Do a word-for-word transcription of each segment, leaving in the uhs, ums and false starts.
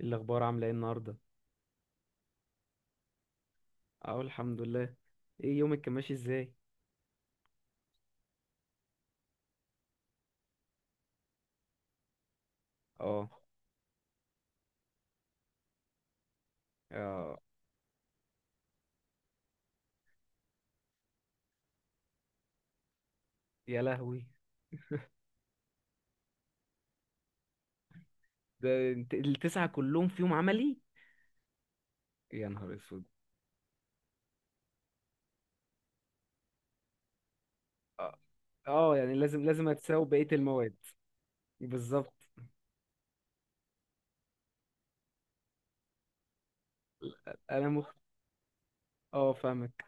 إيه الاخبار؟ عامله ايه النهارده؟ اه، الحمد لله. ايه يومك كان ماشي ازاي؟ اه. اه، يا لهوي! ده انت التسعه كلهم في يوم عملي؟ يا نهار اسود! اه. آه، يعني لازم لازم هتساوي بقيه المواد. بالظبط. انا مخ اه، فاهمك.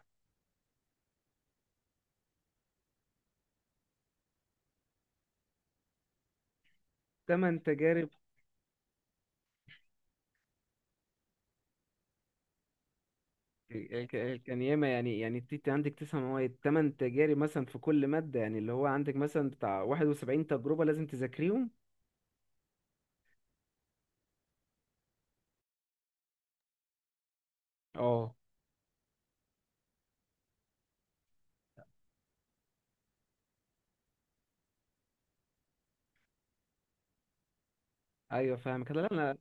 تمن تجارب؟ ك- ك- كان ياما، يعني يعني انت عندك تسع مواد، تمن تجارب مثلا في كل ماده، يعني اللي هو عندك مثلا بتاع واحد وسبعين تجربه لازم تذاكريهم. اه. ايوه، فاهمك. لا، لا.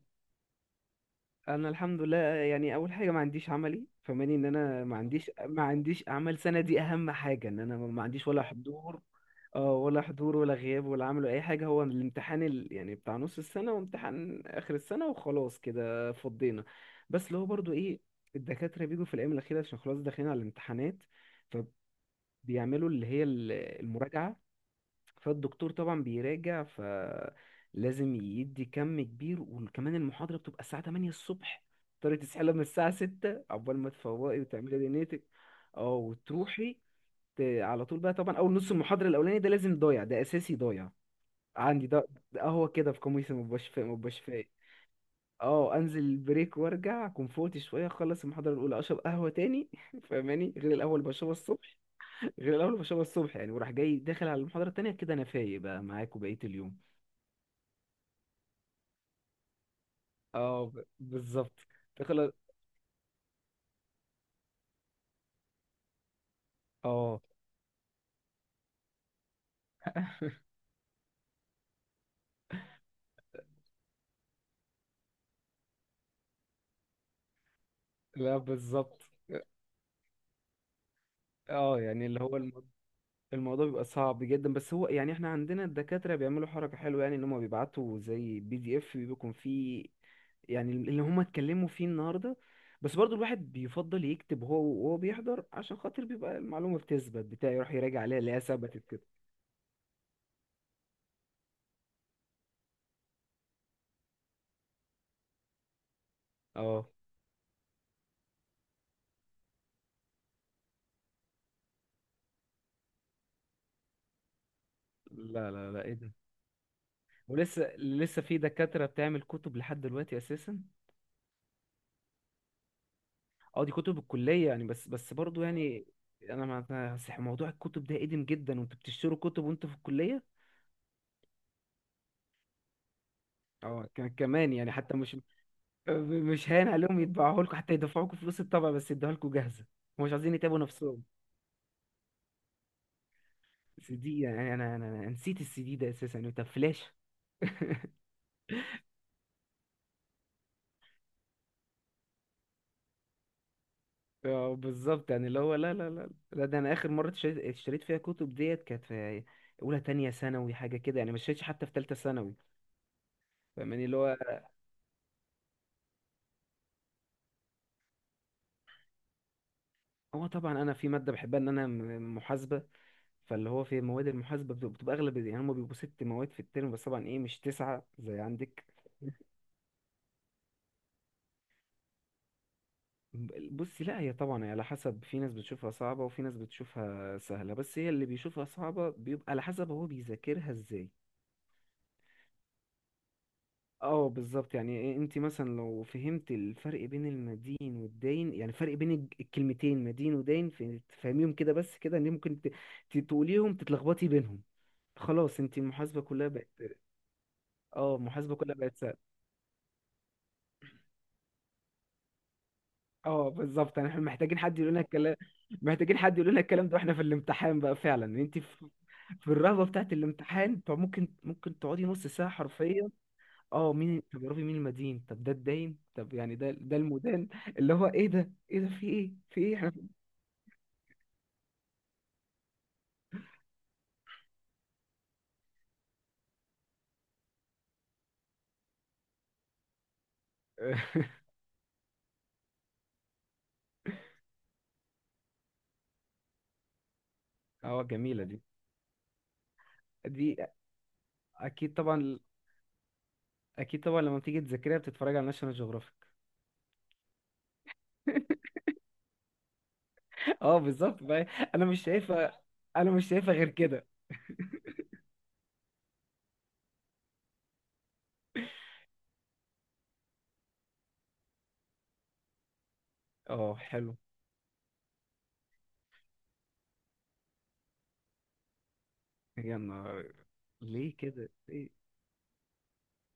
انا الحمد لله، يعني اول حاجه ما عنديش عملي، فماني ان انا ما عنديش ما عنديش اعمال سنه دي. اهم حاجه ان انا ما عنديش ولا حضور. اه، ولا حضور ولا غياب ولا عمل ولا اي حاجه. هو الامتحان ال... يعني بتاع نص السنه وامتحان اخر السنه، وخلاص كده فضينا. بس اللي هو برضو ايه، الدكاتره بيجوا في الايام الاخيره عشان خلاص داخلين على الامتحانات، فبيعملوا اللي هي ال- المراجعه. فالدكتور طبعا بيراجع، فلازم يدي كم كبير، وكمان المحاضرة بتبقى الساعة تمانية الصبح. تضطري تصحي من الساعة ستة عقبال ما تفوقي وتعملي دنيتك. اه، وتروحي. ت- على طول بقى، طبعا أول نص المحاضرة الأولاني ده لازم ضايع، ده أساسي ضايع. عندي ده. ده هو كده في قميصي، مبقاش فايق مبقاش فايق. اه، انزل البريك وارجع اكون فوقت شويه، اخلص المحاضره الاولى اشرب قهوه تاني. فاهماني، غير القهوه اللي بشربها الصبح. غير الأول بشربها الصبح يعني، وراح جاي داخل على المحاضرة التانية كده أنا فايق بقى معاك وبقية اليوم. اه، ب- بالظبط. داخل. اه. لا، بالظبط. اه، يعني اللي هو الم- الموضوع بيبقى صعب جدا، بس هو يعني احنا عندنا الدكاترة بيعملوا حركة حلوة، يعني ان هم بيبعتوا زي بي دي اف بيكون فيه يعني اللي هم اتكلموا فيه النهاردة. بس برضو الواحد بيفضل يكتب هو وهو بيحضر، عشان خاطر بيبقى المعلومة بتثبت بتاعي، يروح يراجع عليها اللي هي ثبتت كده. اه. لا، لا، لا، ايه ده! ولسه لسه في دكاترة بتعمل كتب لحد دلوقتي أساسا؟ اه، دي كتب الكلية، يعني بس، بس برضو يعني. أنا ما ما- صح- موضوع الكتب ده قديم جدا، وأنتوا بتشتروا كتب وأنتوا في الكلية. اه، ك- كمان، يعني حتى مش، مش هان عليهم يطبعوها لكم، حتى يدفعوا لكم فلوس الطبع بس يدوها لكم جاهزة. هم مش عايزين يتعبوا نفسهم. سي دي؟ يعني أنا أنا أنا نسيت السي دي ده أساسا، يعني طب فلاش. اه، بالظبط، يعني اللي هو لا، لا، لا، لا، ده أنا آخر مرة اشتريت اشتريت فيها كتب ديت كانت في أولى تانية ثانوي حاجة كده، يعني ما اشتريتش حتى في تالتة ثانوي. فاهماني اللي هو. هو طبعا انا في ماده بحبها ان انا م- محاسبه. فاللي هو في مواد المحاسبه بت- بتبقى اغلب، يعني هم بيبقوا ست مواد في الترم بس، طبعا ايه، مش تسعه زي عندك. ب- بصي، لا هي طبعا هي على حسب، في ناس بتشوفها صعبه وفي ناس بتشوفها سهله، بس هي اللي بيشوفها صعبه بيبقى على حسب هو بيذاكرها ازاي. اه، بالظبط، يعني إيه، انت مثلا لو فهمت الفرق بين المدين والداين، يعني فرق بين الج- الكلمتين مدين وداين، ف- تفهميهم كده بس، كده ان ممكن ت- ت- تقوليهم تتلخبطي بينهم، خلاص انت المحاسبة كلها بقت. اه، محاسبه كلها بقت سهل. اه، بالظبط، يعني احنا محتاجين حد يقول لنا الكلام، محتاجين حد يقول لنا الكلام ده. واحنا في الامتحان بقى فعلا، انت في في الرهبه بتاعت الامتحان، انت ممكن ممكن تقعدي نص ساعه حرفيا. اه، مين؟ طب يا ربي مين المدين، طب ده الداين، طب يعني ده ده المدان، اللي هو ايه ده ايه ده، في ايه في ايه احنا! في- اه، جميله دي. دي اكيد طبعا، اكيد طبعا لما بتيجي تذاكريها بتتفرج على ناشونال جيوغرافيك. اه، بالظبط بقى. انا مش شايفه، انا مش شايفه غير كده. اه، حلو. يا نهار! ليه كده؟ ليه؟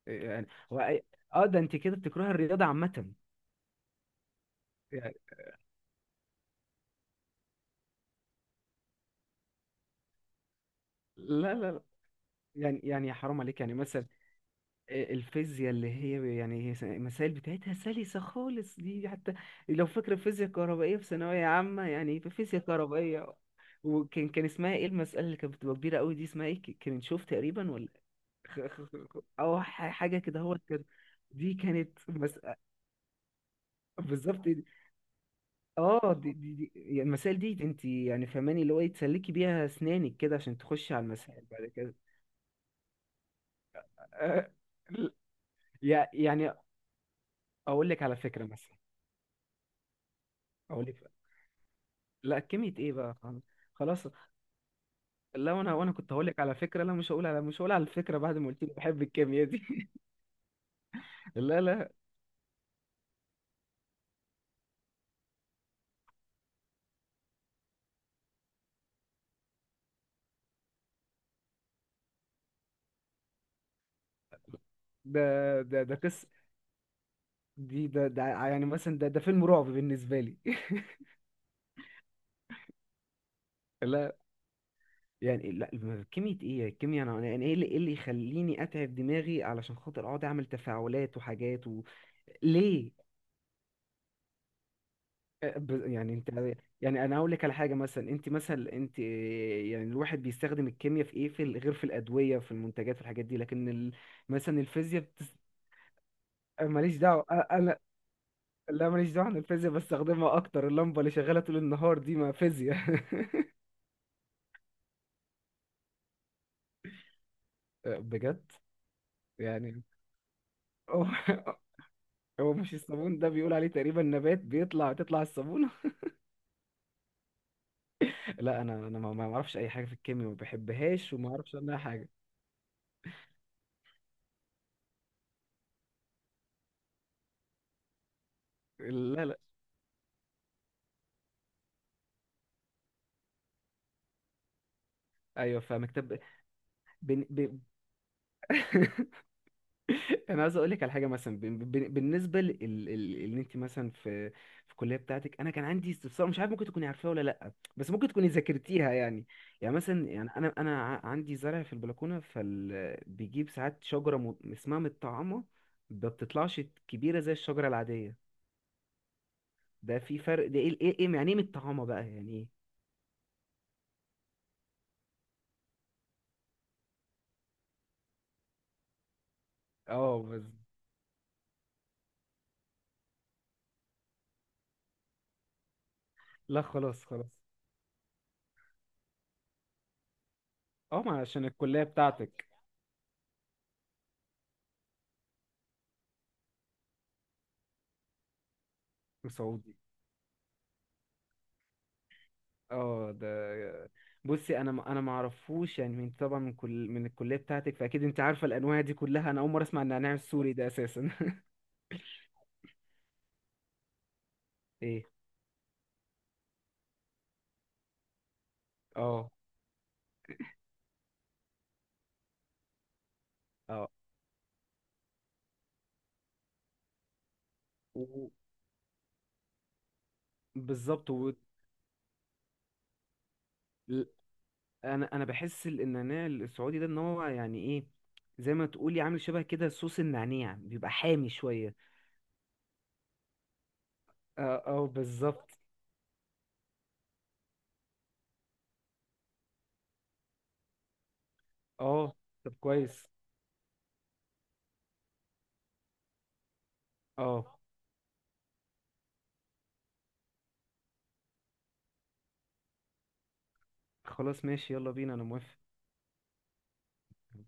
يعني هو أي- اه، ده انت كده بتكره الرياضه عامه يعني. لا، لا، لا، يعني يعني يا حرام عليك، يعني مثلا آه، الفيزياء اللي هي يعني هي س- المسائل بتاعتها سلسه خالص، دي حتى لو فاكره فيزياء كهربائيه في ثانويه عامه، يعني في فيزياء كهربائيه. وكان كان اسمها ايه المساله اللي كانت بتبقى كبيره قوي دي؟ اسمها ايه، ك- كان نشوف تقريبا، ولا او ح- حاجه كده، هو كده. دي كانت مس... بالظبط. اه، دي دي, دي يعني المسائل دي، انت يعني فهماني اللي هو ايه، تسلكي بيها اسنانك كده عشان تخشي على المسائل بعد كده. آه، ل- يع- يعني اقول لك على فكره مثلا. اقول لك، لا كميه ايه بقى خلاص. خلاص، لا انا وانا كنت هقول لك على فكره، لا مش هقول على مش هقول على الفكره بعد ما قلت لي بحب الكيمياء دي. لا، لا، ده ده ده قصه، دي ده ده يعني مثلا ده ده فيلم رعب بالنسبه لي. لا يعني لا، كيمياء ايه الكيمياء، انا يعني ايه اللي إيه اللي يخليني اتعب دماغي علشان خاطر اقعد اعمل تفاعلات وحاجات و... ليه؟ أه، ب- يعني انت، يعني انا اقول لك على حاجه مثلا، انت مثلا انت، يعني الواحد بيستخدم الكيمياء في ايه، في ال- غير في الادويه، في المنتجات، في الحاجات دي، لكن ال... مثلا الفيزياء بتس... ماليش دعوه أ- انا، لا ماليش دعوه، انا الفيزياء بستخدمها اكتر، اللمبه اللي شغاله طول النهار دي ما فيزياء. أه، بجد؟ يعني هو هو مش الصابون ده بيقول عليه تقريبا نبات بيطلع تطلع الصابونة؟ لا انا انا ما ما اعرفش اي حاجه في الكيمياء، ما بحبهاش وما اعرفش عنها حاجه. لا، لا، ايوه فاهمك. طب بن... ب... انا عايز اقول لك على حاجه مثلا، بن... بن... بالنسبه لل ال... ال... ان انت مثلا في في الكليه بتاعتك، انا كان عندي استفسار مش عارف ممكن تكوني عارفاه ولا لا، بس ممكن تكوني ذاكرتيها يعني. يعني مثلا، يعني انا انا ع- عندي زرع في البلكونه، فال... بيجيب ساعات شجره م... اسمها متطعمه. ما بتطلعش كبيره زي الشجره العاديه. ده في فرق، ده ايه ايه إيه- يعني ايه متطعمه بقى يعني ايه؟ اه، لا خلاص، خلاص. اه، ما عشان الكلية بتاعتك. سعودي؟ اه، ده بصي، انا ما- انا ما اعرفوش، يعني من طبعا من كل من الكلية بتاعتك فاكيد انت عارفة الانواع دي كلها، انا اول مرة اسمع ان نعناع السوري ده اساسا. ايه! اه، اه، و- بالظبط و... ل- انا انا بحس ال- النعناع السعودي ده ان هو يعني ايه، زي ما تقولي عامل شبه كده صوص النعناع، بيبقى حامي شوية. اه، اه، بالظبط. اه، طب كويس. اه، خلاص ماشي، يلا بينا انا موافق.